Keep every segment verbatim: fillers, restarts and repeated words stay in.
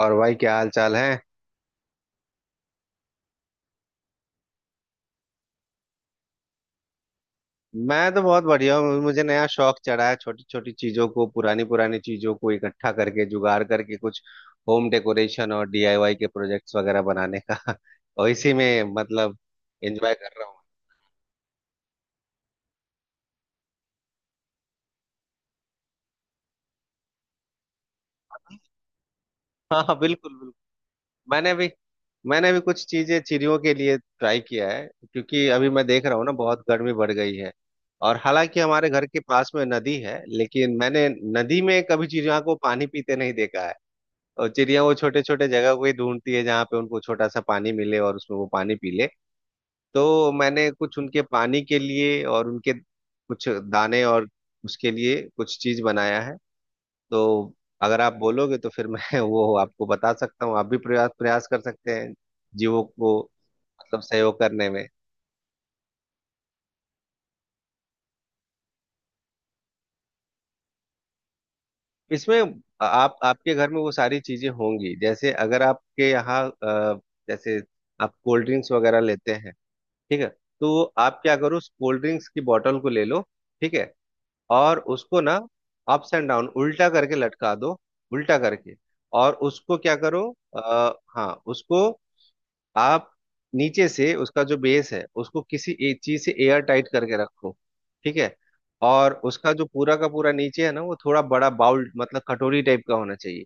और भाई क्या हाल चाल है। मैं तो बहुत बढ़िया हूँ। मुझे नया शौक चढ़ा है छोटी छोटी चीजों को पुरानी पुरानी चीजों को इकट्ठा करके जुगाड़ करके कुछ होम डेकोरेशन और डीआईवाई के प्रोजेक्ट्स वगैरह बनाने का। और इसी में मतलब एंजॉय कर रहा हूँ। हाँ हाँ, बिल्कुल बिल्कुल। मैंने भी मैंने भी कुछ चीजें चिड़ियों के लिए ट्राई किया है। क्योंकि अभी मैं देख रहा हूँ ना, बहुत गर्मी बढ़ गई है। और हालांकि हमारे घर के पास में नदी है, लेकिन मैंने नदी में कभी चिड़िया को पानी पीते नहीं देखा है। और चिड़िया वो छोटे छोटे जगह को ही ढूंढती है जहाँ पे उनको छोटा सा पानी मिले और उसमें वो पानी पी ले। तो मैंने कुछ उनके पानी के लिए और उनके कुछ दाने और उसके लिए कुछ चीज बनाया है। तो अगर आप बोलोगे तो फिर मैं वो आपको बता सकता हूँ। आप भी प्रयास प्रयास कर सकते हैं जीवों को मतलब सहयोग करने में। इसमें आप आपके घर में वो सारी चीजें होंगी। जैसे अगर आपके यहाँ अ, जैसे आप कोल्ड ड्रिंक्स वगैरह लेते हैं। ठीक है। तो आप क्या करो उस कोल्ड ड्रिंक्स की बॉटल को ले लो। ठीक है। और उसको ना अप्स एंड डाउन उल्टा करके लटका दो। उल्टा करके। और उसको क्या करो आ, हाँ, उसको आप नीचे से उसका जो बेस है उसको किसी एक चीज से एयर टाइट करके रखो। ठीक है। और उसका जो पूरा का पूरा नीचे है ना वो थोड़ा बड़ा बाउल मतलब कटोरी टाइप का होना चाहिए।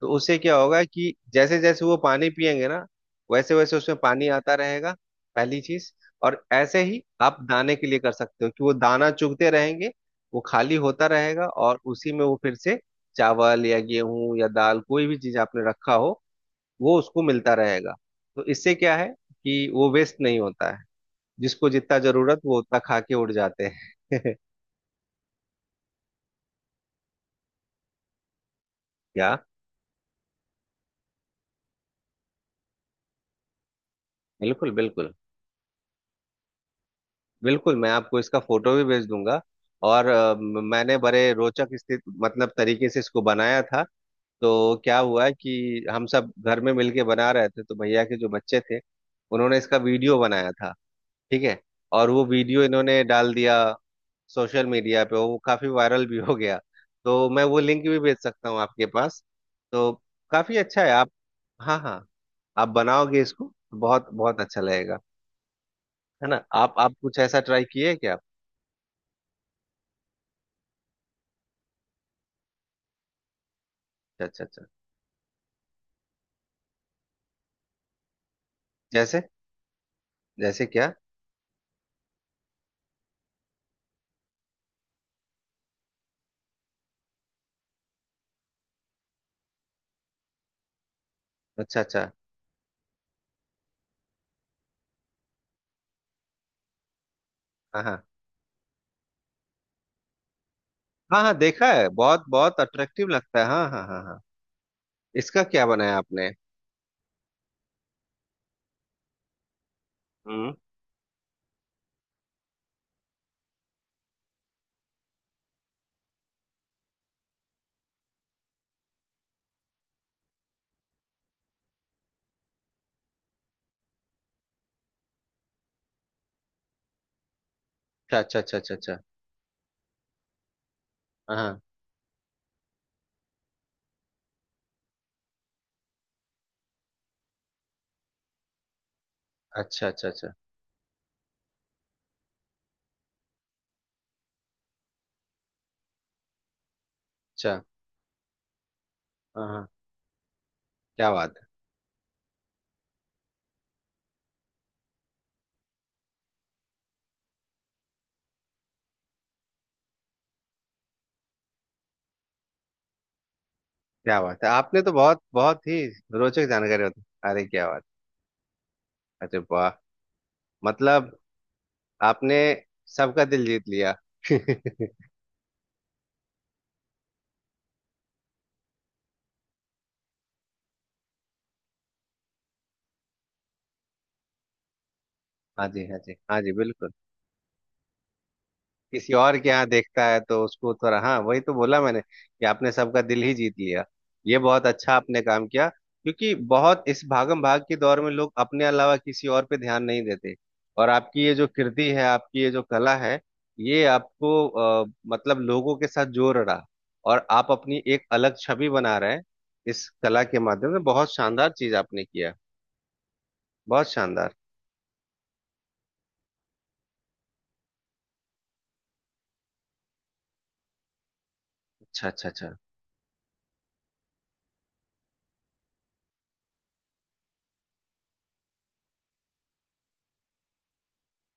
तो उससे क्या होगा कि जैसे जैसे वो पानी पिएंगे ना, वैसे वैसे उसमें पानी आता रहेगा। पहली चीज। और ऐसे ही आप दाने के लिए कर सकते हो कि वो दाना चुगते रहेंगे, वो खाली होता रहेगा और उसी में वो फिर से चावल या गेहूं या दाल कोई भी चीज आपने रखा हो वो उसको मिलता रहेगा। तो इससे क्या है कि वो वेस्ट नहीं होता है। जिसको जितना जरूरत वो उतना खा के उड़ जाते हैं। क्या। बिल्कुल बिल्कुल। बिल्कुल मैं आपको इसका फोटो भी भेज दूंगा। और अ, म- मैंने बड़े रोचक स्थित मतलब तरीके से इसको बनाया था। तो क्या हुआ कि हम सब घर में मिलके बना रहे थे तो भैया के जो बच्चे थे उन्होंने इसका वीडियो बनाया था। ठीक है। और वो वीडियो इन्होंने डाल दिया सोशल मीडिया पे, वो काफी वायरल भी हो गया। तो मैं वो लिंक भी भेज सकता हूँ आपके पास। तो काफी अच्छा है आप। हाँ हाँ। आप बनाओगे इसको, बहुत बहुत अच्छा लगेगा। है ना, आप आप कुछ ऐसा ट्राई किए क्या। अच्छा अच्छा अच्छा। जैसे। जैसे क्या। अच्छा अच्छा। हाँ हाँ हाँ हाँ, देखा है, बहुत बहुत अट्रैक्टिव लगता है। हाँ हाँ हाँ हाँ। इसका क्या बनाया आपने। हम्म। अच्छा अच्छा अच्छा अच्छा अच्छा। हाँ हाँ। अच्छा अच्छा अच्छा अच्छा। हाँ हाँ। क्या बात है। क्या बात है आपने तो बहुत बहुत ही रोचक जानकारी होती। अरे क्या बात। अरे वाह। मतलब आपने सबका दिल जीत लिया। हाँ जी हाँ जी हाँ जी, बिल्कुल। किसी और के यहाँ देखता है तो उसको थोड़ा, हाँ वही तो बोला मैंने कि आपने सबका दिल ही जीत लिया। ये बहुत अच्छा आपने काम किया, क्योंकि बहुत इस भागम भाग के दौर में लोग अपने अलावा किसी और पे ध्यान नहीं देते। और आपकी ये जो कृति है, आपकी ये जो कला है, ये आपको अ, मतलब लोगों के साथ जोड़ रहा। और आप अपनी एक अलग छवि बना रहे हैं इस कला के माध्यम से। बहुत शानदार चीज आपने किया, बहुत शानदार। अच्छा अच्छा अच्छा।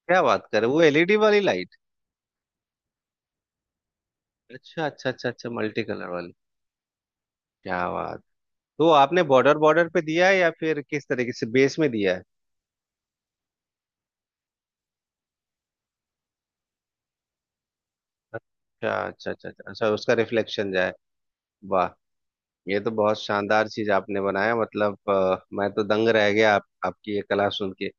क्या बात कर रहे हो? वो एलईडी वाली लाइट। अच्छा अच्छा अच्छा अच्छा, मल्टी कलर वाली। क्या बात। तो आपने बॉर्डर बॉर्डर पे दिया है या फिर किस तरीके से बेस में दिया है। अच्छा अच्छा अच्छा अच्छा अच्छा, उसका रिफ्लेक्शन जाए। वाह। ये तो बहुत शानदार चीज आपने बनाया। मतलब अ, मैं तो दंग रह गया। आप, आपकी ये कला सुन के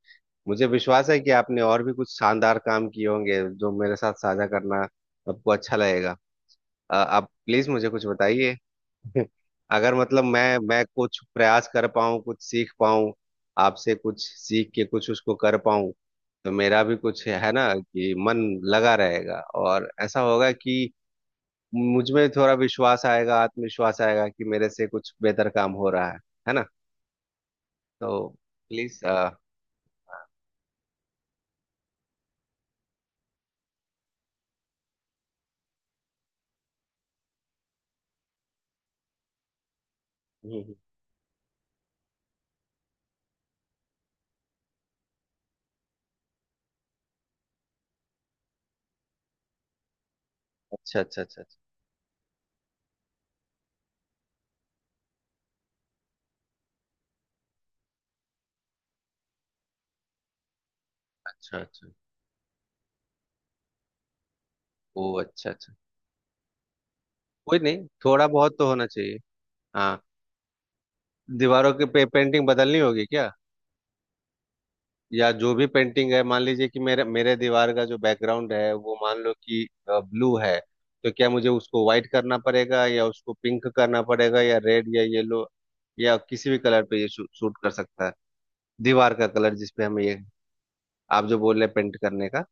मुझे विश्वास है कि आपने और भी कुछ शानदार काम किए होंगे जो मेरे साथ साझा करना आपको अच्छा लगेगा। अ, आप प्लीज मुझे कुछ बताइए। अगर मतलब मैं मैं कुछ प्रयास कर पाऊँ, कुछ सीख पाऊँ, आपसे कुछ सीख के कुछ उसको कर पाऊँ, तो मेरा भी कुछ है ना कि मन लगा रहेगा और ऐसा होगा कि मुझ में थोड़ा विश्वास आएगा, आत्मविश्वास आएगा कि मेरे से कुछ बेहतर काम हो रहा है। है ना। तो प्लीज। अच्छा अच्छा अच्छा अच्छा अच्छा। ओ अच्छा अच्छा। कोई नहीं, थोड़ा बहुत तो होना चाहिए। हाँ। दीवारों की पे, पेंटिंग बदलनी होगी क्या। या जो भी पेंटिंग है मान लीजिए कि मेरे मेरे दीवार का जो बैकग्राउंड है वो मान लो कि ब्लू है। तो क्या मुझे उसको व्हाइट करना पड़ेगा या उसको पिंक करना पड़ेगा या रेड या येलो या किसी भी कलर पे ये शूट कर सकता है। दीवार का कलर जिसपे हम ये आप जो बोल रहे पेंट करने का।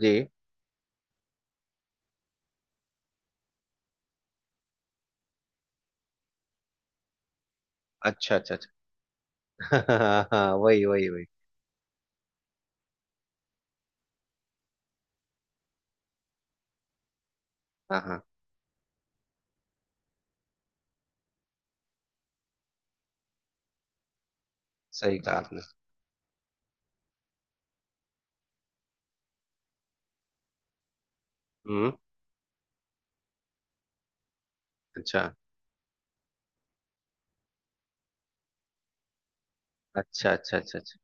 जी। अच्छा अच्छा अच्छा। हाँ हाँ वही वही वही। हाँ हाँ। सही कहा आपने। हम्म। अच्छा अच्छा अच्छा अच्छा अच्छा।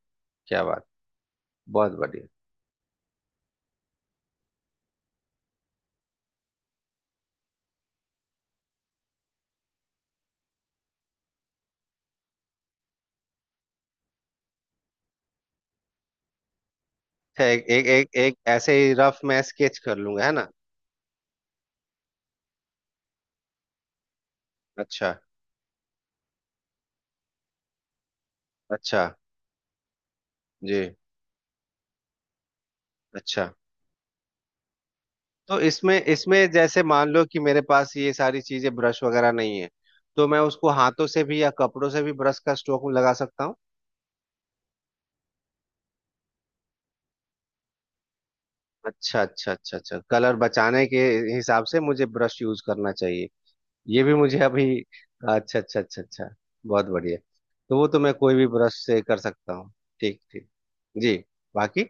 क्या बात, बहुत बढ़िया। अच्छा, एक एक एक एक ऐसे ही रफ मैं स्केच कर लूंगा, है ना। अच्छा अच्छा। जी। अच्छा। तो इसमें इसमें जैसे मान लो कि मेरे पास ये सारी चीजें ब्रश वगैरह नहीं है, तो मैं उसको हाथों से भी या कपड़ों से भी ब्रश का स्ट्रोक लगा सकता हूँ। अच्छा अच्छा अच्छा अच्छा, कलर बचाने के हिसाब से मुझे ब्रश यूज करना चाहिए। ये भी मुझे अभी। अच्छा अच्छा अच्छा अच्छा। बहुत बढ़िया। तो वो तो मैं कोई भी ब्रश से कर सकता हूँ। ठीक ठीक। जी। बाकी।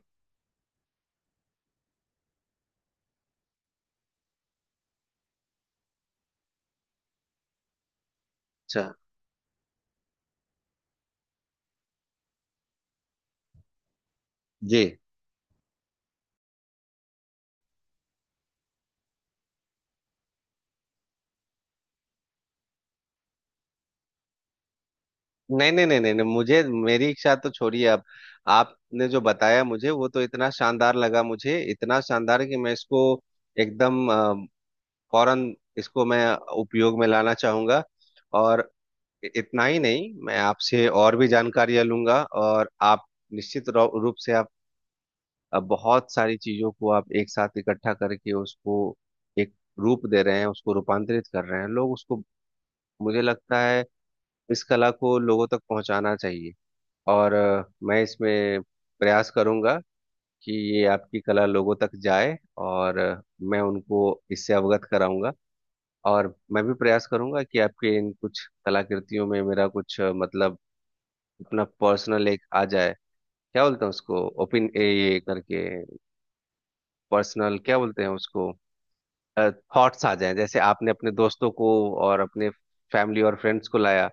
अच्छा। जी। नहीं नहीं नहीं नहीं नहीं, मुझे मेरी इच्छा तो छोड़िए अब। आपने जो बताया मुझे वो तो इतना शानदार लगा मुझे, इतना शानदार कि मैं इसको एकदम अ, फौरन इसको मैं उपयोग में लाना चाहूंगा। और इ- इतना ही नहीं, मैं आपसे और भी जानकारियां लूंगा। और आप निश्चित रो- रूप से आप अ, बहुत सारी चीजों को आप एक साथ इकट्ठा करके उसको एक रूप दे रहे हैं, उसको रूपांतरित कर रहे हैं लोग उसको। मुझे लगता है इस कला को लोगों तक पहुंचाना चाहिए। और अ, मैं इसमें प्रयास करूंगा कि ये आपकी कला लोगों तक जाए। और अ, मैं उनको इससे अवगत कराऊंगा। और मैं भी प्रयास करूंगा कि आपके इन कुछ कलाकृतियों में मेरा कुछ अ, मतलब अपना पर्सनल एक आ जाए। क्या बोलते हैं उसको, ओपिन ये करके, पर्सनल क्या बोलते हैं उसको, थॉट्स आ जाए। जैसे आपने अपने दोस्तों को और अपने फैमिली और फ्रेंड्स को लाया,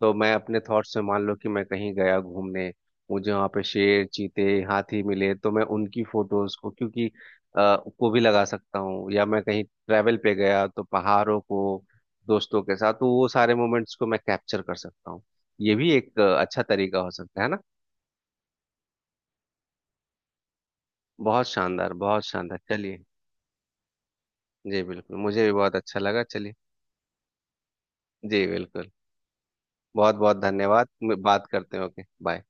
तो मैं अपने थॉट्स में मान लो कि मैं कहीं गया घूमने, मुझे वहां पे शेर चीते हाथी मिले तो मैं उनकी फोटोज को क्योंकि आ, को भी लगा सकता हूँ। या मैं कहीं ट्रैवल पे गया तो पहाड़ों को दोस्तों के साथ, तो वो सारे मोमेंट्स को मैं कैप्चर कर सकता हूँ। ये भी एक अ, अच्छा तरीका हो सकता है ना। बहुत शानदार, बहुत शानदार। चलिए। जी बिल्कुल, मुझे भी बहुत अच्छा लगा। चलिए। जी बिल्कुल। बहुत बहुत धन्यवाद। बात करते हैं, ओके बाय।